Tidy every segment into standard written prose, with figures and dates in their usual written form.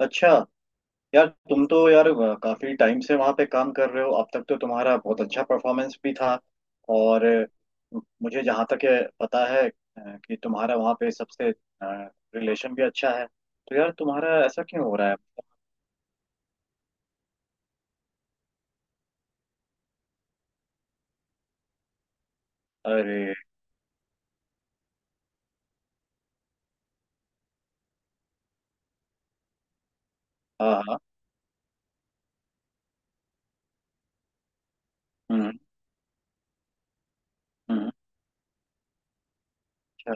अच्छा। यार तुम तो यार काफी टाइम से वहां पे काम कर रहे हो, अब तक तो तुम्हारा बहुत अच्छा परफॉर्मेंस भी था। और मुझे जहाँ तक है, पता है कि तुम्हारा वहाँ पे सबसे रिलेशन भी अच्छा है। तो यार तुम्हारा ऐसा क्यों हो रहा है? अरे। हाँ हाँ। हम्म। हम्म, अच्छा।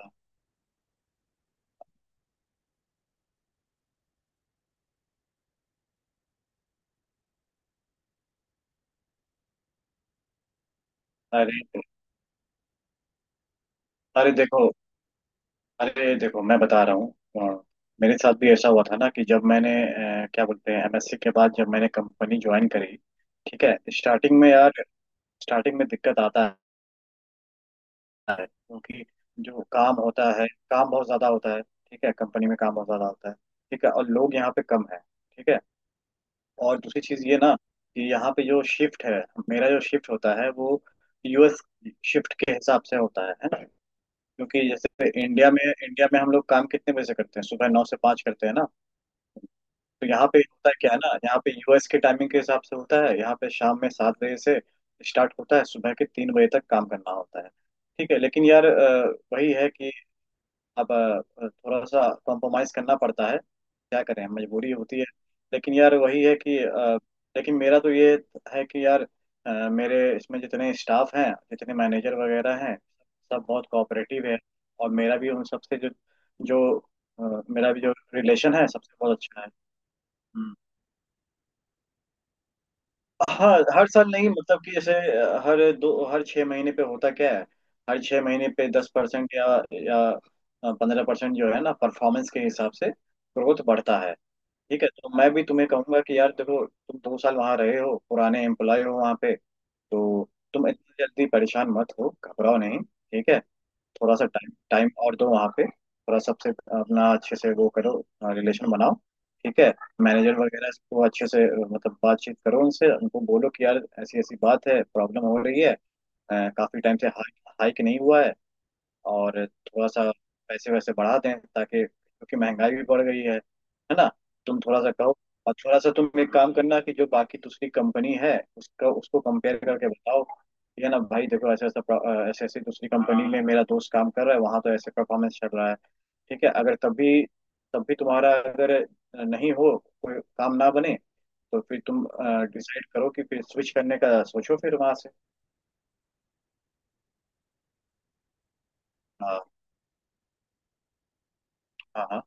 अरे। अरे देखो अरे देखो, मैं बता रहा हूँ अ, मेरे साथ भी ऐसा हुआ था ना, कि जब मैंने क्या बोलते हैं एमएससी के बाद जब मैंने कंपनी ज्वाइन करी। ठीक है, स्टार्टिंग में यार स्टार्टिंग में दिक्कत आता है, क्योंकि जो काम होता है काम बहुत ज्यादा होता है। ठीक है, कंपनी में काम बहुत ज्यादा होता है। ठीक है, और लोग यहाँ पे कम है। ठीक है, और दूसरी चीज ये ना, कि यहाँ पे जो शिफ्ट है, मेरा जो शिफ्ट होता है वो यूएस शिफ्ट के हिसाब से होता है ना? क्योंकि जैसे इंडिया में हम लोग काम कितने बजे से करते हैं, सुबह 9 से 5 करते हैं ना। तो यहाँ पे होता है क्या है ना, यहाँ पे यूएस के टाइमिंग के हिसाब से होता है, यहाँ पे शाम में 7 बजे से स्टार्ट होता है, सुबह के 3 बजे तक काम करना होता है। ठीक है लेकिन यार वही है कि अब थोड़ा सा कॉम्प्रोमाइज करना पड़ता है, क्या करें मजबूरी होती है। लेकिन यार वही है कि लेकिन मेरा तो ये है कि यार मेरे इसमें जितने स्टाफ हैं जितने मैनेजर वगैरह हैं, सब बहुत कोऑपरेटिव है। और मेरा भी उन सबसे जो जो अ, मेरा भी जो रिलेशन है सबसे बहुत अच्छा है। हम्म। हाँ हर साल नहीं, मतलब कि जैसे हर छः महीने पे होता क्या है, हर 6 महीने पे 10% या 15% जो है ना, परफॉर्मेंस के हिसाब से ग्रोथ बढ़ता है। ठीक है, तो मैं भी तुम्हें कहूंगा कि यार देखो, तुम 2 साल वहाँ रहे हो, पुराने एम्प्लॉय हो वहाँ पे, तो तुम इतना जल्दी परेशान मत हो, घबराओ नहीं। ठीक है, थोड़ा सा टाइम टाइम और दो वहाँ पे, थोड़ा सबसे अपना अच्छे से वो करो, रिलेशन बनाओ। ठीक है, मैनेजर वगैरह को अच्छे से मतलब बातचीत करो उनसे, उनको बोलो कि यार ऐसी ऐसी बात है, प्रॉब्लम हो रही है, काफी टाइम से हाइक हाइक नहीं हुआ है, और थोड़ा सा पैसे वैसे बढ़ा दें, ताकि क्योंकि महंगाई भी बढ़ गई है ना? तुम थोड़ा सा कहो। और थोड़ा सा तुम एक काम करना, कि जो बाकी दूसरी कंपनी है उसका उसको कंपेयर करके बताओ, ठीक है ना भाई, देखो ऐसा ऐसा ऐसे ऐसी दूसरी कंपनी में मेरा दोस्त काम कर रहा है, वहां तो ऐसे परफॉर्मेंस चल रहा है। ठीक है, अगर तब भी तब भी तुम्हारा अगर नहीं हो, कोई काम ना बने, तो फिर तुम डिसाइड करो कि फिर स्विच करने का सोचो फिर वहां से। हाँ हाँ। हाँ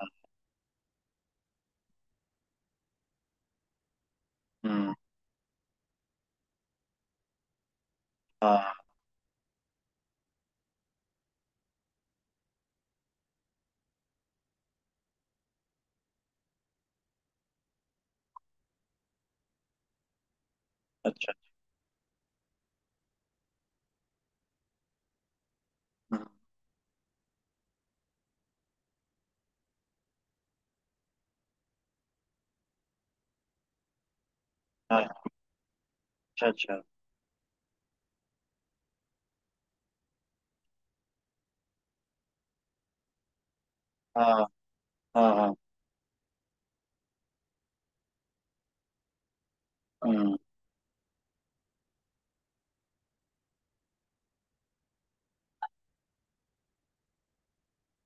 हाँ। हम्म। हाँ, अच्छा। हम्म, हाँ। अच्छा अच्छा। हाँ हाँ हाँ। हम्म।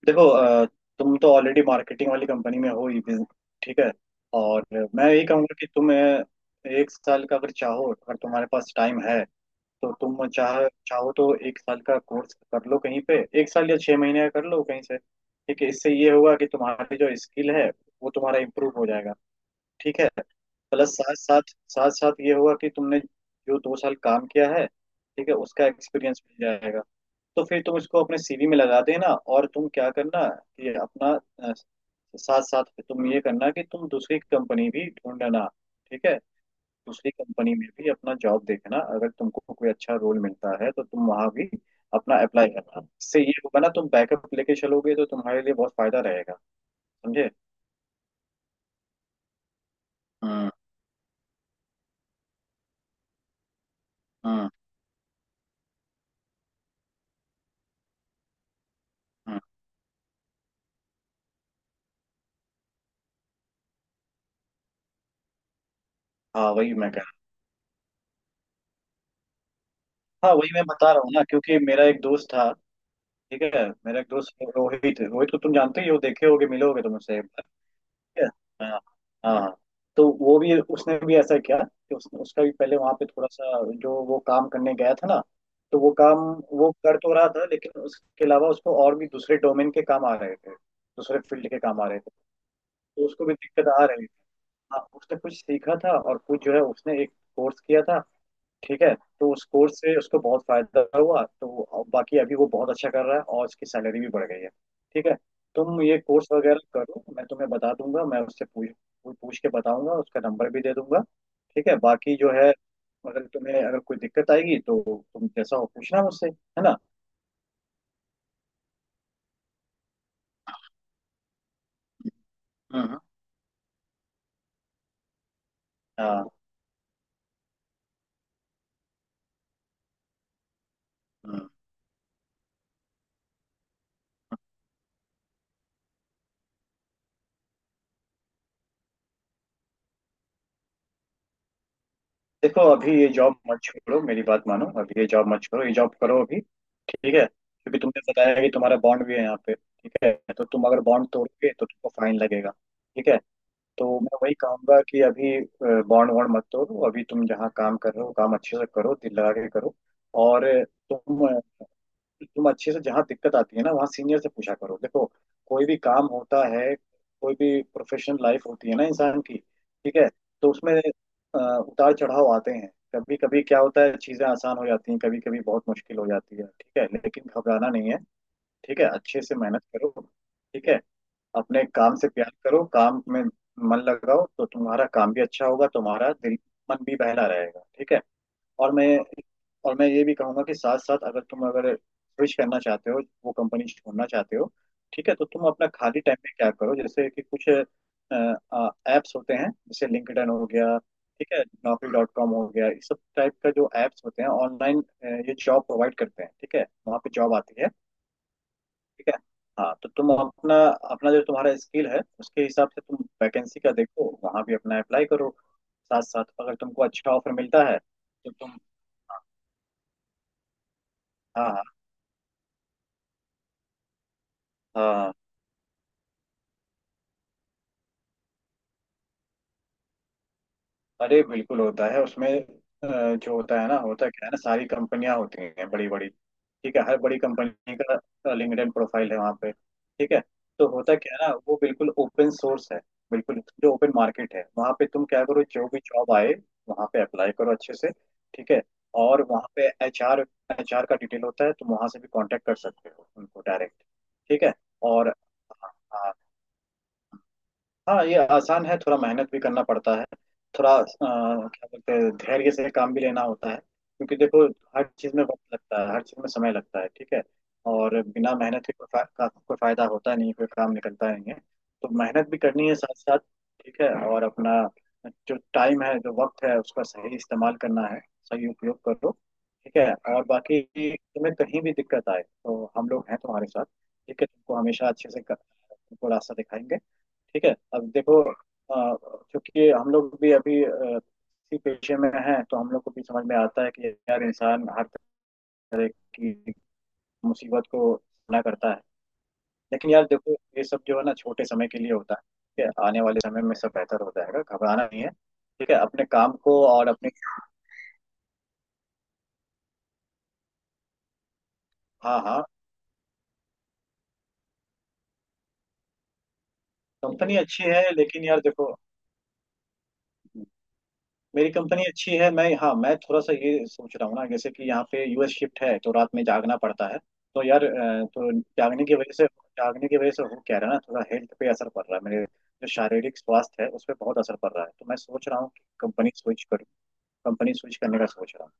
देखो तुम तो ऑलरेडी मार्केटिंग वाली कंपनी में हो ही ठीक है। और मैं यही कहूँगा कि तुम एक साल का अगर चाहो, अगर तुम्हारे पास टाइम है, तो तुम चाहो तो एक साल का कोर्स कर लो कहीं पे, एक साल या 6 महीने का कर लो कहीं से। ठीक है, इससे ये होगा कि तुम्हारी जो स्किल है वो तुम्हारा इम्प्रूव हो जाएगा। ठीक है, प्लस साथ साथ ये होगा कि तुमने जो 2 साल काम किया है, ठीक है, उसका एक्सपीरियंस मिल जाएगा। तो फिर तुम इसको अपने सीवी में लगा देना। और तुम क्या करना कि अपना अ, साथ साथ में तुम ये करना कि तुम दूसरी कंपनी भी ढूंढना। ठीक है, दूसरी कंपनी में भी अपना जॉब देखना, अगर तुमको कोई अच्छा रोल मिलता है तो तुम वहां भी अपना अप्लाई करना, इससे ये होगा ना तुम बैकअप लेके चलोगे तो तुम्हारे लिए बहुत फायदा रहेगा। समझे? हम्म। हम्म। हम्म। हाँ, वही मैं कह रहा हाँ वही मैं बता रहा हूँ ना, क्योंकि मेरा एक दोस्त था। ठीक है, मेरा एक दोस्त रोहित, को तुम जानते ही हो, देखे होगे मिले होगे तुम उससे है। हाँ हाँ हाँ। तो वो भी उसने भी ऐसा किया कि उसका भी पहले वहां पे थोड़ा सा जो वो काम करने गया था ना, तो वो काम वो कर तो रहा था, लेकिन उसके अलावा उसको और भी दूसरे डोमेन के काम आ रहे थे, दूसरे फील्ड के काम आ रहे थे, तो उसको भी दिक्कत आ रही थी। हाँ उसने कुछ सीखा था, और कुछ जो है उसने एक कोर्स किया था। ठीक है, तो उस कोर्स से उसको बहुत फायदा हुआ, तो अब बाकी अभी वो बहुत अच्छा कर रहा है, और उसकी सैलरी भी बढ़ गई है। ठीक है, तुम ये कोर्स वगैरह करो, मैं तुम्हें बता दूंगा, मैं उससे पूछ पूछ के बताऊंगा, उसका नंबर भी दे दूंगा। ठीक है, बाकी जो है, अगर तुम्हें अगर कोई दिक्कत आएगी तो तुम जैसा हो पूछना मुझसे, है ना? हम्म। हाँ, देखो अभी ये जॉब मत छोड़ो, मेरी बात मानो, अभी ये जॉब मत छोड़ो, ये जॉब करो अभी। ठीक है, क्योंकि तुमने बताया है कि तुम्हारा बॉन्ड भी है यहाँ पे। ठीक है, तो तुम अगर बॉन्ड तोड़ोगे तो तुमको फाइन लगेगा। ठीक है, तो मैं वही कहूंगा कि अभी बॉन्ड वॉन्ड मत तोड़ो, अभी तुम जहाँ काम कर रहे हो काम अच्छे से करो, दिल लगा के करो। और तुम, कि तुम अच्छे से जहाँ दिक्कत आती है ना वहाँ सीनियर से पूछा करो। देखो कोई भी काम होता है, कोई भी प्रोफेशनल लाइफ होती है ना इंसान की। ठीक है, तो उसमें अ, उतार चढ़ाव आते हैं, कभी कभी क्या होता है चीजें आसान हो जाती हैं, कभी कभी बहुत मुश्किल हो जाती है। ठीक है लेकिन घबराना नहीं है। ठीक है, अच्छे से मेहनत करो। ठीक है, अपने काम से प्यार करो, काम में मन लगाओ, तो तुम्हारा काम भी अच्छा होगा, तुम्हारा दिल मन भी बहला रहेगा। ठीक है, और मैं और मैं ये भी कहूंगा कि साथ साथ अगर तुम अगर स्विच करना चाहते हो, वो कंपनी छोड़ना चाहते हो। ठीक है, तो तुम अपना खाली टाइम में क्या करो, जैसे कि कुछ ऐप्स होते हैं, जैसे लिंक्डइन हो गया। ठीक है, नौकरी डॉट कॉम हो गया, इस सब टाइप का जो एप्स होते हैं ऑनलाइन, ये जॉब प्रोवाइड करते हैं। ठीक है, वहाँ पे जॉब आती है। ठीक है, हाँ, तो तुम अपना अपना जो तुम्हारा स्किल है उसके हिसाब से तुम वैकेंसी का देखो, वहाँ भी अपना अप्लाई करो। साथ साथ अगर तुमको अच्छा ऑफर मिलता है तो तुम हाँ हाँ। हाँ, अरे बिल्कुल होता है उसमें। जो होता है ना, होता क्या है ना, सारी कंपनियां होती हैं बड़ी बड़ी। ठीक है, हर बड़ी कंपनी का लिंक्डइन प्रोफाइल है वहाँ पे। ठीक है, तो होता क्या है ना, वो बिल्कुल ओपन सोर्स है, बिल्कुल जो ओपन मार्केट है वहाँ पे तुम क्या करो, जो भी जॉब आए वहाँ पे अप्लाई करो अच्छे से। ठीक है, और वहाँ पे एचआर एचआर का डिटेल होता है, तुम वहाँ से भी कांटेक्ट कर सकते हो उनको डायरेक्ट। ठीक है, और हाँ हाँ, हाँ ये आसान है, थोड़ा मेहनत भी करना पड़ता है। थोड़ा क्या बोलते हैं धैर्य से काम भी लेना होता है, क्योंकि देखो हर चीज़ में वक्त लगता है, हर चीज़ में समय लगता है। ठीक है, और बिना मेहनत के कोई कोई फायदा होता नहीं, कोई काम निकलता नहीं है। तो मेहनत भी करनी है साथ साथ। ठीक है, और अपना जो टाइम है जो वक्त है उसका सही इस्तेमाल करना है, सही उपयोग करो। ठीक है, और बाकी तुम्हें कहीं भी दिक्कत आए तो हम लोग हैं तुम्हारे साथ। ठीक है, तुमको हमेशा अच्छे से तुमको रास्ता दिखाएंगे। ठीक है, अब देखो क्योंकि हम लोग भी अभी इसी पेशे में हैं, तो हम लोग को भी समझ में आता है कि यार इंसान हर तरह की मुसीबत को सामना करता है, लेकिन यार देखो ये सब जो है ना छोटे समय के लिए होता है। ठीक है, आने वाले समय में सब बेहतर हो जाएगा, घबराना नहीं है। ठीक है, अपने काम को और अपने हाँ हाँ। कंपनी अच्छी है लेकिन यार देखो, मेरी कंपनी अच्छी है, मैं हाँ मैं थोड़ा सा ये सोच रहा हूँ ना, जैसे कि यहाँ पे यूएस शिफ्ट है तो रात में जागना पड़ता है, तो यार तो जागने की वजह से जागने की वजह से हो क्या रहा है ना, थोड़ा हेल्थ पे असर पड़ रहा है, मेरे जो शारीरिक स्वास्थ्य है उस पर बहुत असर पड़ रहा है, तो मैं सोच रहा हूँ कि कंपनी स्विच करूँ, कंपनी स्विच करने का सोच रहा हूँ।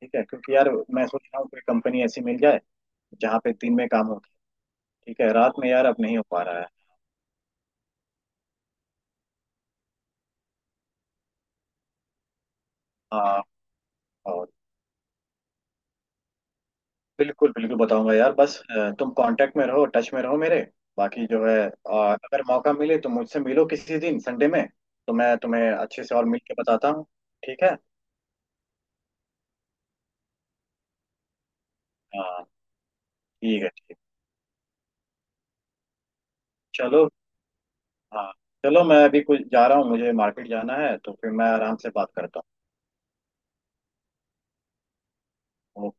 ठीक है, क्योंकि यार मैं सोच रहा हूँ कोई कंपनी ऐसी मिल जाए जहाँ पे दिन में काम हो। ठीक है, रात में यार अब नहीं हो पा रहा है। हाँ। और बिल्कुल बिल्कुल बताऊंगा यार, बस तुम कांटेक्ट में रहो, टच में रहो मेरे, बाकी जो है अगर मौका मिले तो मुझसे मिलो किसी दिन संडे में, तो मैं तुम्हें अच्छे से और मिल के बताता हूँ। ठीक है। हाँ ठीक है। ठीक है। चलो। हाँ चलो, मैं अभी कुछ जा रहा हूँ, मुझे मार्केट जाना है, तो फिर मैं आराम से बात करता हूँ।